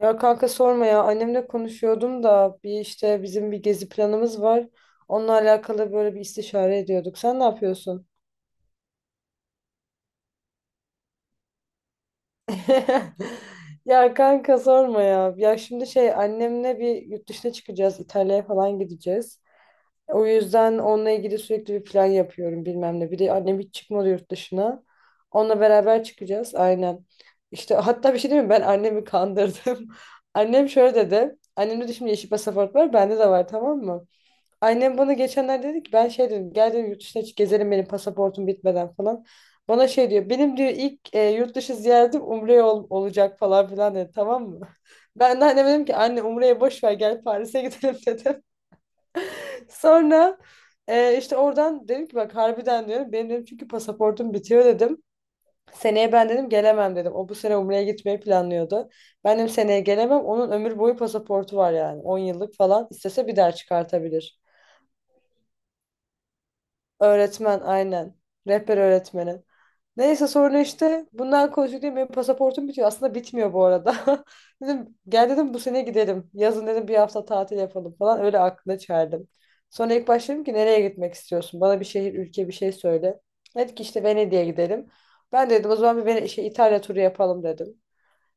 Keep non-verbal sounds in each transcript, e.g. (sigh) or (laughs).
Ya kanka sorma ya, annemle konuşuyordum da bir işte bizim bir gezi planımız var. Onunla alakalı böyle bir istişare ediyorduk. Sen ne yapıyorsun? (laughs) Ya kanka sorma ya. Ya şimdi şey annemle bir yurt dışına çıkacağız. İtalya'ya falan gideceğiz. O yüzden onunla ilgili sürekli bir plan yapıyorum bilmem ne. Bir de annem hiç çıkmadı yurt dışına. Onunla beraber çıkacağız aynen. İşte hatta bir şey değil mi? Ben annemi kandırdım. (laughs) Annem şöyle dedi. Annemde de şimdi yeşil pasaport var. Bende de var, tamam mı? Annem bana geçenlerde dedi ki ben şey dedim gel dedim yurt dışına hiç gezelim benim pasaportum bitmeden falan. Bana şey diyor, benim diyor ilk yurt dışı ziyaretim Umre'ye olacak falan filan dedi, tamam mı? (laughs) Ben de anneme dedim ki anne Umre'ye boş ver gel Paris'e gidelim (laughs) dedim. Sonra işte oradan dedim ki bak harbiden diyorum, benim dedim çünkü pasaportum bitiyor dedim. Seneye ben dedim gelemem dedim. O bu sene Umre'ye gitmeyi planlıyordu. Ben dedim seneye gelemem. Onun ömür boyu pasaportu var yani 10 yıllık falan. İstese bir daha çıkartabilir. Öğretmen aynen. Rehber öğretmenim. Neyse sonra işte bundan konuştuk diye benim pasaportum bitiyor. Aslında bitmiyor bu arada. (laughs) Dedim gel dedim bu sene gidelim. Yazın dedim bir hafta tatil yapalım falan. Öyle aklına çerdim. Sonra ilk başladım ki nereye gitmek istiyorsun? Bana bir şehir, ülke, bir şey söyle. Dedi ki işte Venedik'e gidelim. Ben dedim o zaman bir İtalya turu yapalım dedim.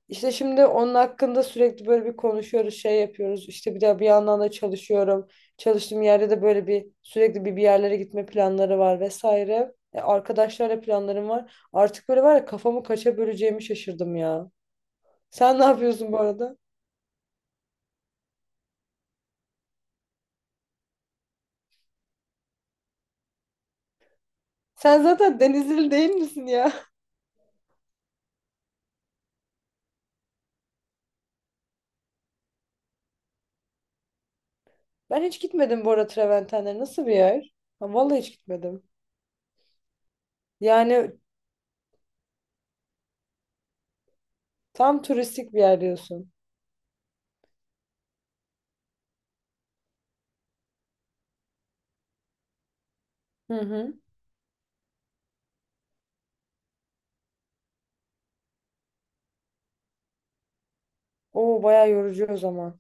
İşte şimdi onun hakkında sürekli böyle bir konuşuyoruz, şey yapıyoruz. İşte bir de bir yandan da çalışıyorum. Çalıştığım yerde de böyle bir sürekli bir yerlere gitme planları var vesaire. Arkadaşlarla planlarım var. Artık böyle var ya, kafamı kaça böleceğimi şaşırdım ya. Sen ne yapıyorsun bu arada? Sen zaten Denizli değil misin ya? (laughs) Ben hiç gitmedim bu arada Treventenler. Nasıl bir yer? Ha, vallahi hiç gitmedim. Yani tam turistik bir yer diyorsun. Hı hı. Oo, bayağı yorucu o zaman.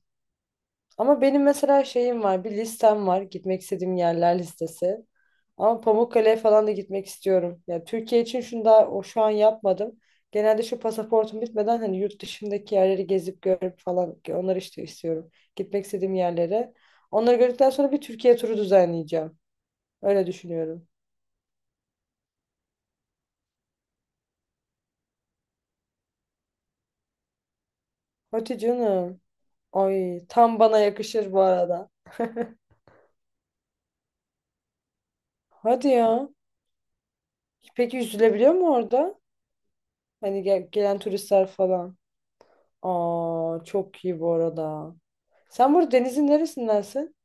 Ama benim mesela şeyim var, bir listem var. Gitmek istediğim yerler listesi. Ama Pamukkale'ye falan da gitmek istiyorum. Ya Türkiye için şunu daha o şu an yapmadım. Genelde şu pasaportum bitmeden hani yurt dışındaki yerleri gezip görüp falan onları işte istiyorum. Gitmek istediğim yerlere. Onları gördükten sonra bir Türkiye turu düzenleyeceğim. Öyle düşünüyorum. Hadi canım. Ay, tam bana yakışır bu arada. Hadi ya. Peki yüzülebiliyor mu orada? Hani gelen turistler falan. Aa, çok iyi bu arada. Sen burada denizin neresindensin?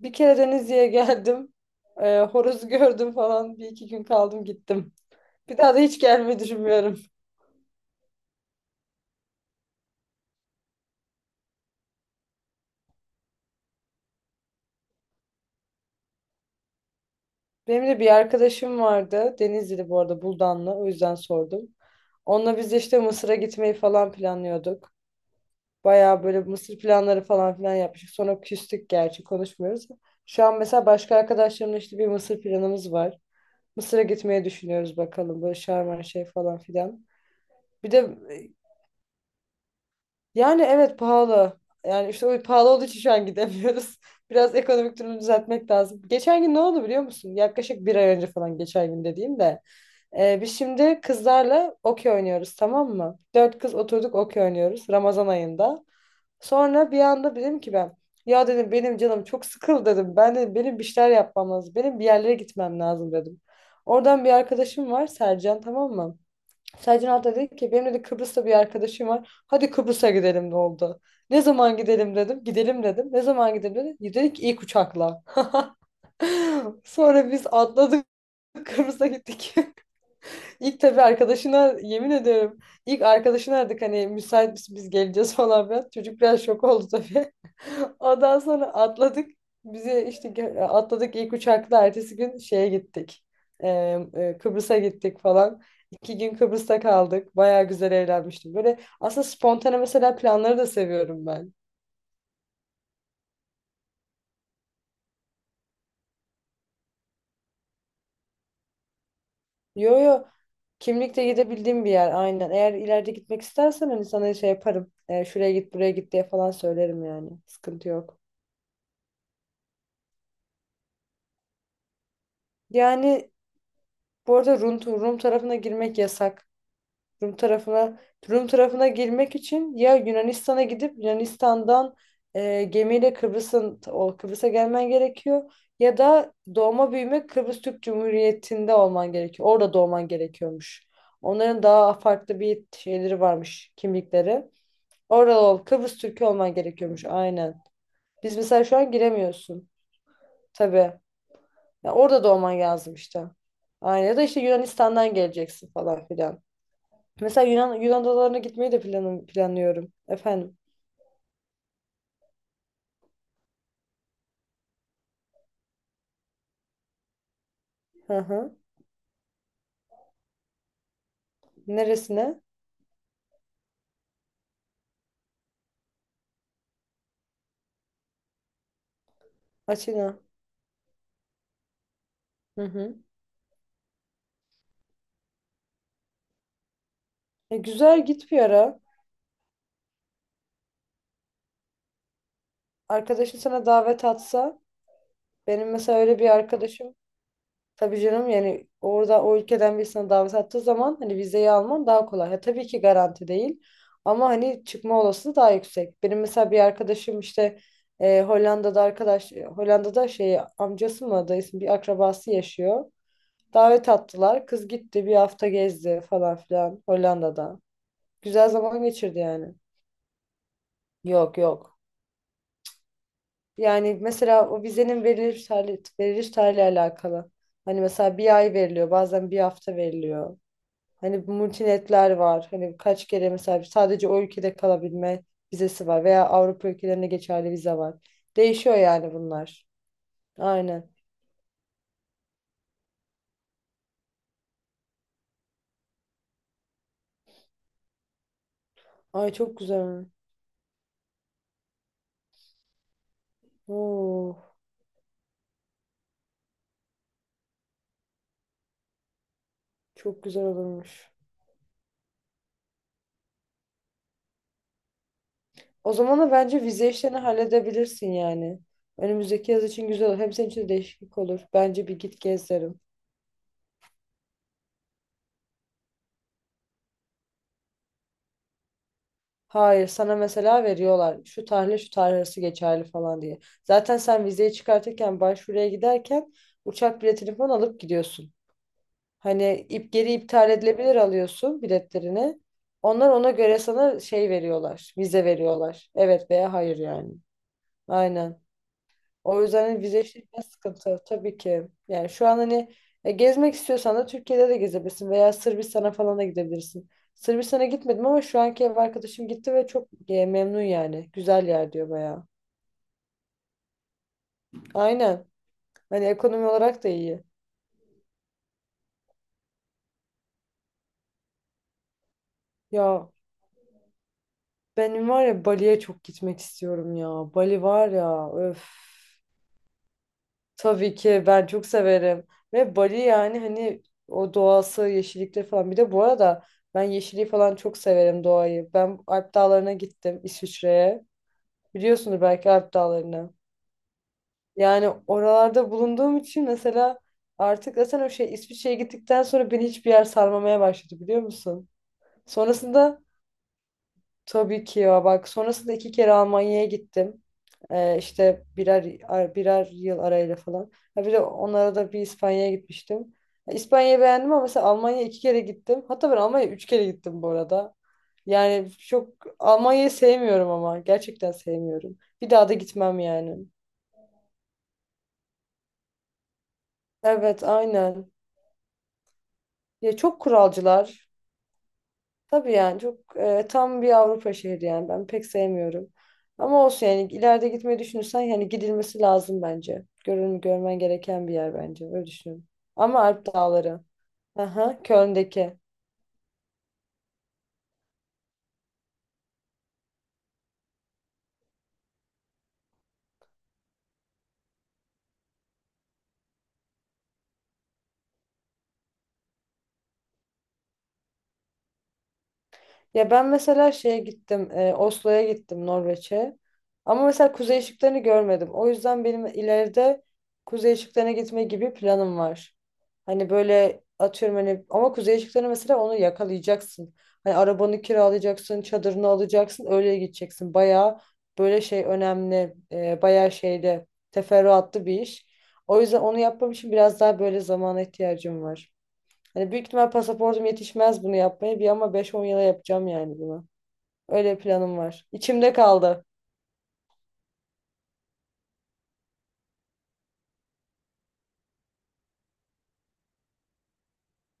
Bir kere Denizli'ye geldim. Horozu gördüm falan. Bir iki gün kaldım gittim. Bir daha da hiç gelmeyi düşünmüyorum. Benim de bir arkadaşım vardı. Denizli'de bu arada, Buldanlı. O yüzden sordum. Onunla biz de işte Mısır'a gitmeyi falan planlıyorduk. Bayağı böyle mısır planları falan filan yapmıştık. Sonra küstük, gerçi konuşmuyoruz. Şu an mesela başka arkadaşlarımla işte bir mısır planımız var. Mısır'a gitmeyi düşünüyoruz bakalım. Böyle şarman şey falan filan. Bir de e, yani evet pahalı. Yani işte o pahalı olduğu için şu an gidemiyoruz. (laughs) Biraz ekonomik durumu düzeltmek lazım. Geçen gün ne oldu biliyor musun? Yaklaşık bir ay önce falan geçen gün dediğim de. Biz şimdi kızlarla okey oynuyoruz, tamam mı? Dört kız oturduk okey oynuyoruz Ramazan ayında. Sonra bir anda dedim ki ben, ya dedim benim canım çok sıkıldı dedim. Ben dedim benim bir şeyler yapmam lazım. Benim bir yerlere gitmem lazım dedim. Oradan bir arkadaşım var, Sercan, tamam mı? Sercan hatta dedi ki benim de Kıbrıs'ta bir arkadaşım var. Hadi Kıbrıs'a gidelim de oldu. Ne zaman gidelim dedim. Gidelim dedim. Ne zaman gidelim dedi. Dedik ki ilk uçakla. (laughs) Sonra biz atladık Kıbrıs'a gittik. (laughs) İlk tabii arkadaşına yemin ediyorum. İlk arkadaşına aradık hani müsait misin biz geleceğiz (laughs) falan filan. Çocuk biraz şok oldu tabii. (laughs) Ondan sonra atladık. Bizi işte atladık ilk uçakla ertesi gün şeye gittik. Ee, Kıbrıs'a gittik falan. İki gün Kıbrıs'ta kaldık. Baya güzel eğlenmiştim. Böyle aslında spontane mesela planları da seviyorum ben. Yo yo, kimlikle gidebildiğim bir yer aynen. Eğer ileride gitmek istersen hani sana şey yaparım. Şuraya git buraya git diye falan söylerim yani. Sıkıntı yok. Yani bu arada Rum tarafına girmek yasak. Rum tarafına Rum tarafına girmek için ya Yunanistan'a gidip Yunanistan'dan gemiyle Kıbrıs'a gelmen gerekiyor ya da doğma büyüme Kıbrıs Türk Cumhuriyeti'nde olman gerekiyor. Orada doğman gerekiyormuş. Onların daha farklı bir şeyleri varmış, kimlikleri. Orada Kıbrıs Türk'ü olman gerekiyormuş aynen. Biz mesela şu an giremiyorsun. Tabii. Ya orada da olman lazım işte. Aynen, ya da işte Yunanistan'dan geleceksin falan filan. Mesela Yunan adalarına gitmeyi de planlıyorum. Efendim. Hı hı. Neresine? Atina. Hı hı. Güzel git bir ara. Arkadaşın sana davet atsa. Benim mesela öyle bir arkadaşım. Tabii canım yani orada o ülkeden birisine davet attığı zaman hani vizeyi alman daha kolay. Ha, tabii ki garanti değil ama hani çıkma olasılığı daha yüksek. Benim mesela bir arkadaşım işte e, Hollanda'da arkadaş e, Hollanda'da şey amcası mı dayısı mı, bir akrabası yaşıyor. Davet attılar. Kız gitti bir hafta gezdi falan filan Hollanda'da. Güzel zaman geçirdi yani. Yok yok. Yani mesela o vizenin veriliş tarihi, veriliş tarihiyle alakalı. Hani mesela bir ay veriliyor, bazen bir hafta veriliyor. Hani bu multinetler var. Hani kaç kere mesela sadece o ülkede kalabilme vizesi var veya Avrupa ülkelerine geçerli vize var. Değişiyor yani bunlar. Aynen. Ay, çok güzel. Oo, çok güzel olurmuş. O zaman da bence vize işlerini halledebilirsin yani. Önümüzdeki yaz için güzel olur. Hem senin için de değişiklik olur. Bence bir git gez derim. Hayır, sana mesela veriyorlar. Şu tarihle şu tarih arası geçerli falan diye. Zaten sen vizeyi çıkartırken başvuruya giderken uçak biletini falan alıp gidiyorsun. Hani ip geri iptal edilebilir alıyorsun biletlerini. Onlar ona göre sana şey veriyorlar, vize veriyorlar. Evet veya hayır yani. Aynen. O yüzden hani vize işi biraz sıkıntı tabii ki. Yani şu an hani gezmek istiyorsan da Türkiye'de de gezebilirsin veya Sırbistan'a falan da gidebilirsin. Sırbistan'a gitmedim ama şu anki ev arkadaşım gitti ve çok memnun yani. Güzel yer diyor bayağı. Aynen. Hani ekonomi olarak da iyi. Ya benim var ya Bali'ye çok gitmek istiyorum ya. Bali var ya, öf. Tabii ki ben çok severim. Ve Bali yani hani o doğası, yeşillikleri falan. Bir de bu arada ben yeşilliği falan çok severim doğayı. Ben Alp Dağları'na gittim İsviçre'ye. Biliyorsunuz belki Alp Dağları'nı. Yani oralarda bulunduğum için mesela artık zaten o şey İsviçre'ye gittikten sonra beni hiçbir yer sarmamaya başladı, biliyor musun? Sonrasında. Tabii ki ya bak sonrasında iki kere Almanya'ya gittim. İşte birer yıl arayla falan. Ha bir de onlara da bir İspanya'ya gitmiştim. Ya İspanya'yı beğendim ama mesela Almanya'ya iki kere gittim. Hatta ben Almanya'ya üç kere gittim bu arada. Yani çok Almanya'yı sevmiyorum ama gerçekten sevmiyorum. Bir daha da gitmem yani. Evet aynen. Ya çok kuralcılar. Tabii yani çok tam bir Avrupa şehri yani ben pek sevmiyorum. Ama olsun yani ileride gitmeyi düşünürsen yani gidilmesi lazım bence. Görün, görmen gereken bir yer bence öyle düşünüyorum. Ama Alp Dağları. Aha, Köln'deki. Ya ben mesela şeye gittim, Oslo'ya gittim Norveç'e. Ama mesela kuzey ışıklarını görmedim. O yüzden benim ileride kuzey ışıklarına gitme gibi planım var. Hani böyle atıyorum hani ama kuzey ışıklarını mesela onu yakalayacaksın. Hani arabanı kiralayacaksın, çadırını alacaksın, öyle gideceksin. Bayağı böyle şey önemli, bayağı şeyde teferruatlı bir iş. O yüzden onu yapmam için biraz daha böyle zamana ihtiyacım var. Hani büyük ihtimal pasaportum yetişmez bunu yapmaya. Bir ama 5-10 yıla yapacağım yani bunu. Öyle planım var. İçimde kaldı.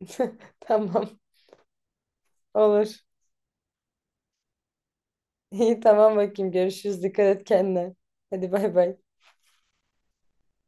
(laughs) Tamam. Olur. İyi tamam bakayım. Görüşürüz. Dikkat et kendine. Hadi bay bay.